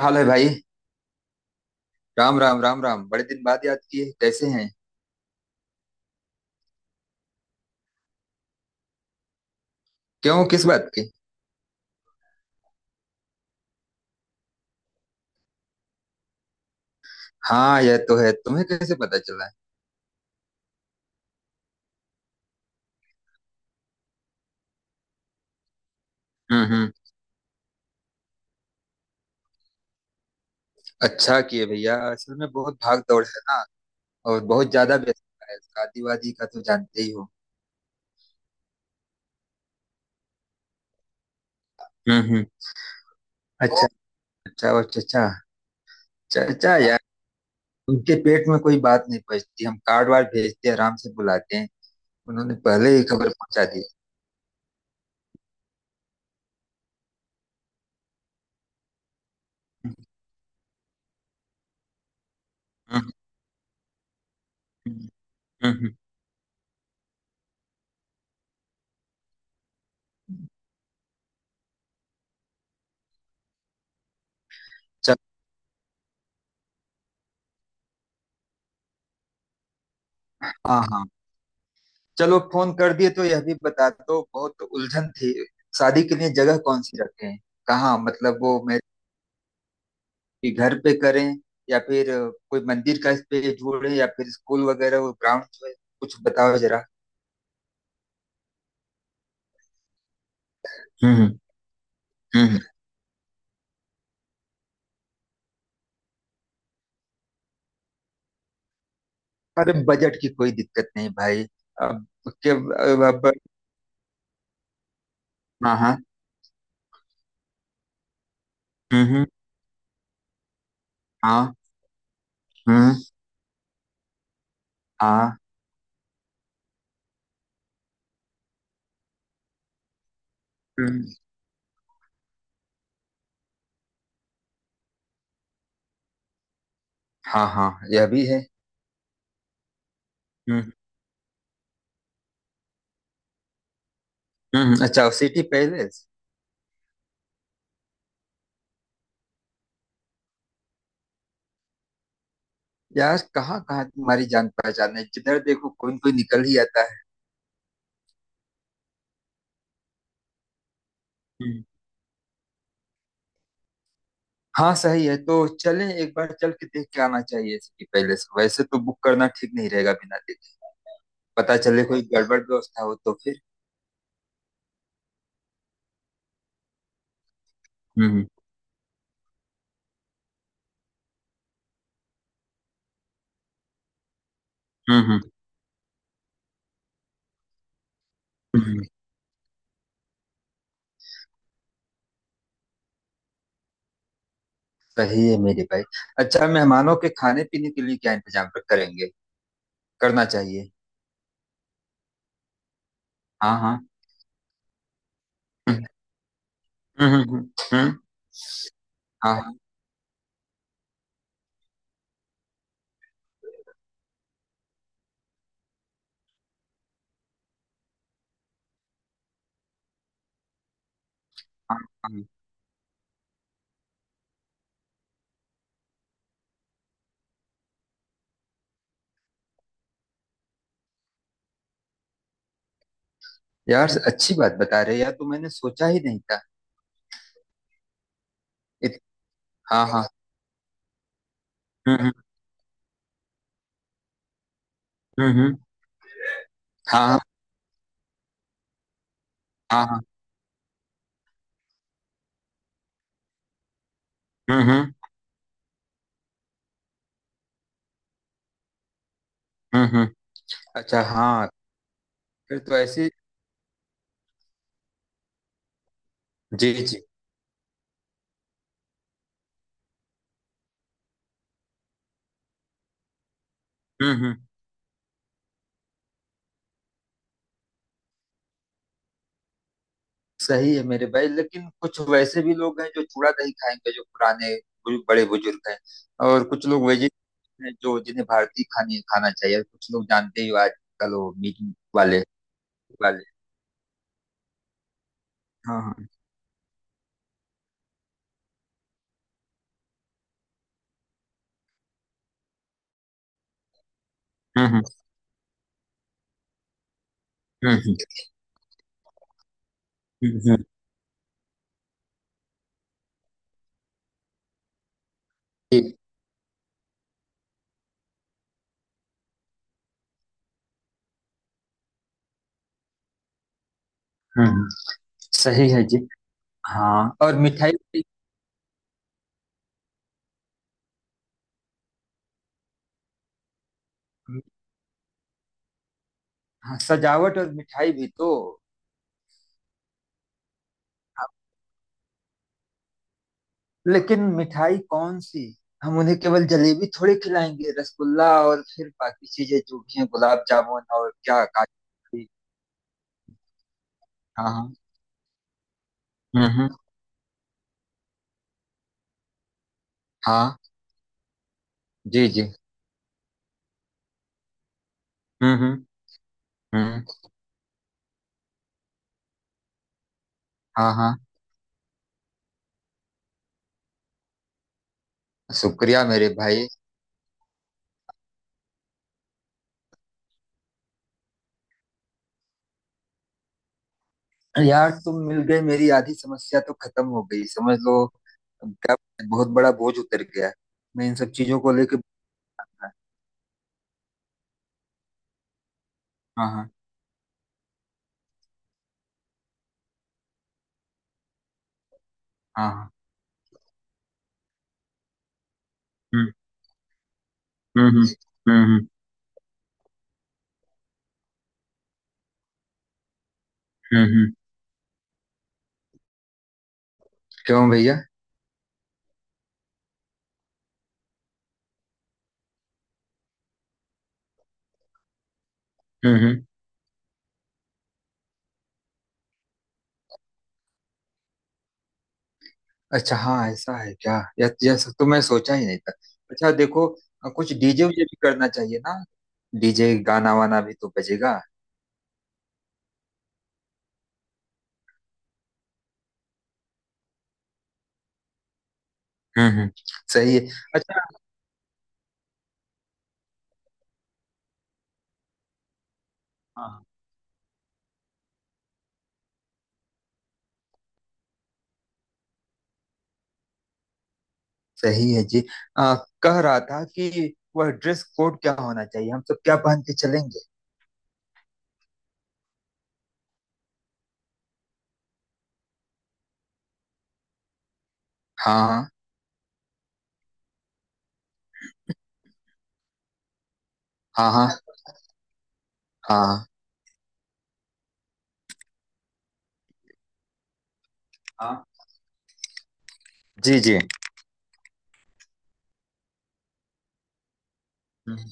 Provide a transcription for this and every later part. हाल है भाई। राम राम राम राम। बड़े दिन बाद याद किए, कैसे हैं? क्यों? किस बात की? हाँ, यह तो है। तुम्हें कैसे पता चला है? हम्म। हम्म। अच्छा किए भैया, असल में बहुत भाग दौड़ है ना। और बहुत ज्यादा व्यस्तता है, शादी वादी का तो जानते ही हो। हम्म। हम्म। अच्छा। अच्छा, और चचा? चचा यार, उनके पेट में कोई बात नहीं पचती। हम कार्ड वार्ड भेजते हैं, आराम से बुलाते हैं। उन्होंने पहले ही खबर पहुंचा दी। हम्म। हम्म। हम्म। हम्म। चल। हाँ हाँ। चलो फोन कर दिए तो यह भी बता दो, बहुत उलझन थी। शादी के लिए जगह कौन सी रखें? कहाँ मतलब वो मेरे घर पे करें, या फिर कोई मंदिर का इस पे जोड़ें, या फिर स्कूल वगैरह वो ग्राउंड जो है। कुछ बताओ जरा। हम्म। हम्म। हम्म। अरे बजट की कोई दिक्कत नहीं भाई। अब के अब- हाँ हाँ। हम्म। हाँ। हम्म। हाँ। हम्म। हाँ हाँ, यह भी है। हम्म। हम्म। अच्छा, सिटी पैलेस। यार कहाँ कहाँ तुम्हारी जान पहचान है, जिधर देखो कोई न कोई निकल ही आता है। हम्म। हाँ सही है, तो चलें एक बार चल के देख के आना चाहिए। इसकी पहले से वैसे तो बुक करना ठीक नहीं रहेगा बिना देखे। पता चले कोई गड़बड़ व्यवस्था हो तो फिर। हम्म। हम्म। हम्म। हम्म। सही है मेरे भाई। अच्छा, मेहमानों के खाने पीने के लिए क्या इंतजाम करेंगे? करना चाहिए। हाँ हाँ। हम्म। हम्म। हम्म। हम्म। हाँ। हाँ। हाँ। हाँ। यार अच्छी बात बता रहे हो, यार तो मैंने सोचा ही नहीं था। इत, हाँ हाँ। हम्म। हम्म। हम्म। हम्म। हाँ हाँ। हाँ हाँ। हम्म। हम्म। हम्म। हम्म। अच्छा हाँ। फिर तो ऐसे। जी जी। हम्म। हम्म। सही है मेरे भाई, लेकिन कुछ वैसे भी लोग हैं जो चूड़ा नहीं खाएंगे, जो पुराने बड़े बुजुर्ग हैं। और कुछ लोग वेजिटेरियन हैं जो, जिन्हें भारतीय खाने खाना चाहिए, और कुछ लोग जानते ही हो आजकल वो मीट वाले वाले हाँ हाँ। हम्म। हम्म। हम्म। हम्म। हम्म। ठीक। हम्म। हम्म। सही है जी। हाँ और मिठाई भी- हाँ सजावट और मिठाई भी तो। लेकिन मिठाई कौन सी? हम उन्हें केवल जलेबी थोड़ी खिलाएंगे, रसगुल्ला, और फिर बाकी चीजें जो भी हैं गुलाब जामुन, और क्या, काजू कतली। हाँ हाँ। हम्म। हम्म। हाँ। जी जी। हम्म। हम्म। हम्म। हाँ हाँ। शुक्रिया मेरे भाई। यार तुम मिल गए, मेरी आधी समस्या तो खत्म हो गई समझ लो। क्या बहुत बड़ा बोझ उतर गया है। मैं इन सब चीजों को लेके। हाँ। हाँ। हाँ। हाँ। हम्म। हम्म। हम्म। हम्म। हम्म। हम्म। क्यों भैया? हम्म। हम्म। अच्छा हाँ, ऐसा है क्या? यह सब तो मैं सोचा ही नहीं था। अच्छा देखो, कुछ डीजे वीजे भी करना चाहिए ना। डीजे गाना वाना भी तो बजेगा। हम्म। हम्म। सही है। अच्छा। हाँ। सही है जी। आ, कह रहा था कि वह ड्रेस कोड क्या होना चाहिए, हम सब क्या पहन के चलेंगे? हाँ हाँ। हाँ हाँ। हाँ। जी जी। हम्म।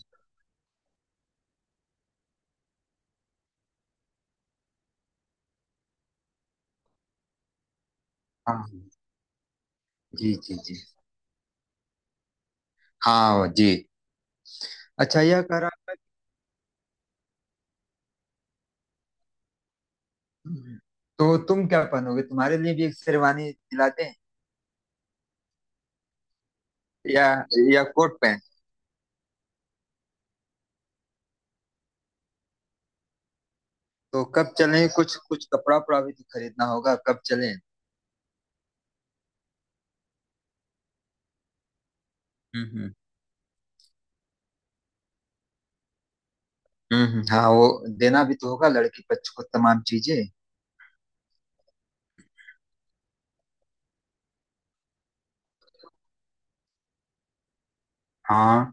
हाँ। हम्म। जी जी जी। हाँ जी। अच्छा यह कह रहा था कि- तो तुम क्या पहनोगे? तुम्हारे लिए भी एक शेरवानी दिलाते हैं। या या कोट पैंट? तो कब चलें? कुछ कुछ कपड़ा उपड़ा भी तो खरीदना होगा, कब चलें? हम्म। हम्म। हम्म। हाँ वो देना भी तो होगा लड़की पक्ष को तमाम चीजें। हाँ।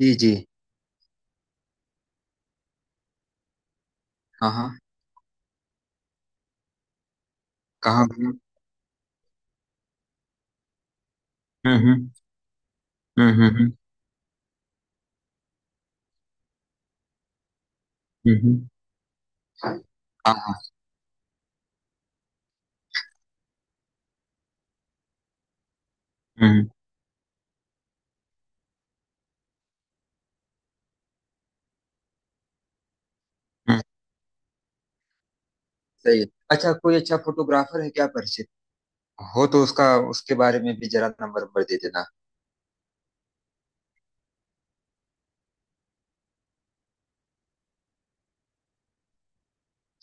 जी जी। हाँ हाँ। कहाँ घूम। हम्म। हम्म। हम्म। हम्म। हम्म। हम्म। हाँ हाँ। हम्म। हम्म। सही है। अच्छा कोई अच्छा फोटोग्राफर है क्या परिचित? हो तो उसका, उसके बारे में भी जरा नंबर नंबर दे देना।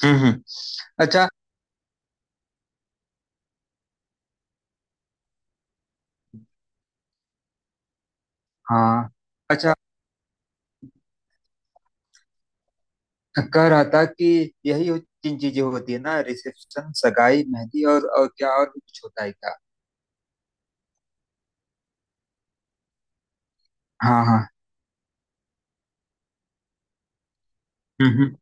हम्म। हम्म। अच्छा। हाँ। अच्छा कह रहा था कि तीन चीजें होती है ना, रिसेप्शन, सगाई, मेहंदी, और क्या, और भी कुछ होता है क्या? हाँ हाँ। हम्म। हम्म।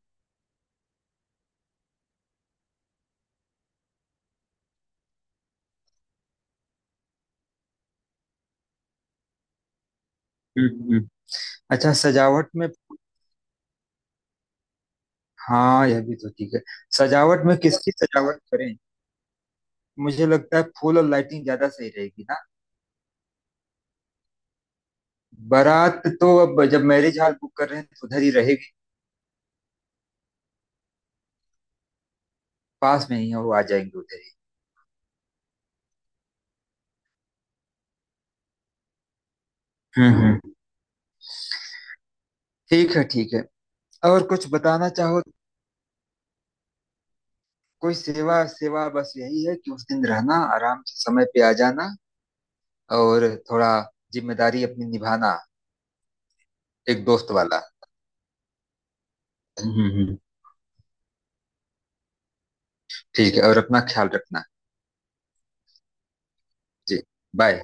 हम्म। हम्म। अच्छा सजावट में। हाँ, यह भी तो ठीक है। सजावट में किसकी सजावट करें? मुझे लगता है फूल और लाइटिंग ज्यादा सही रहेगी ना। बारात तो अब जब मैरिज हॉल बुक कर रहे हैं तो उधर ही रहेगी। पास में ही है, वो आ जाएंगे उधर ही। हम्म। हम्म। ठीक है, ठीक है। और कुछ बताना चाहो। कोई सेवा सेवा बस यही है कि उस दिन रहना आराम से, समय पे आ जाना, और थोड़ा जिम्मेदारी अपनी निभाना। एक दोस्त वाला। हम्म। हम्म। हम्म। ठीक है, और अपना ख्याल रखना। जी। बाय।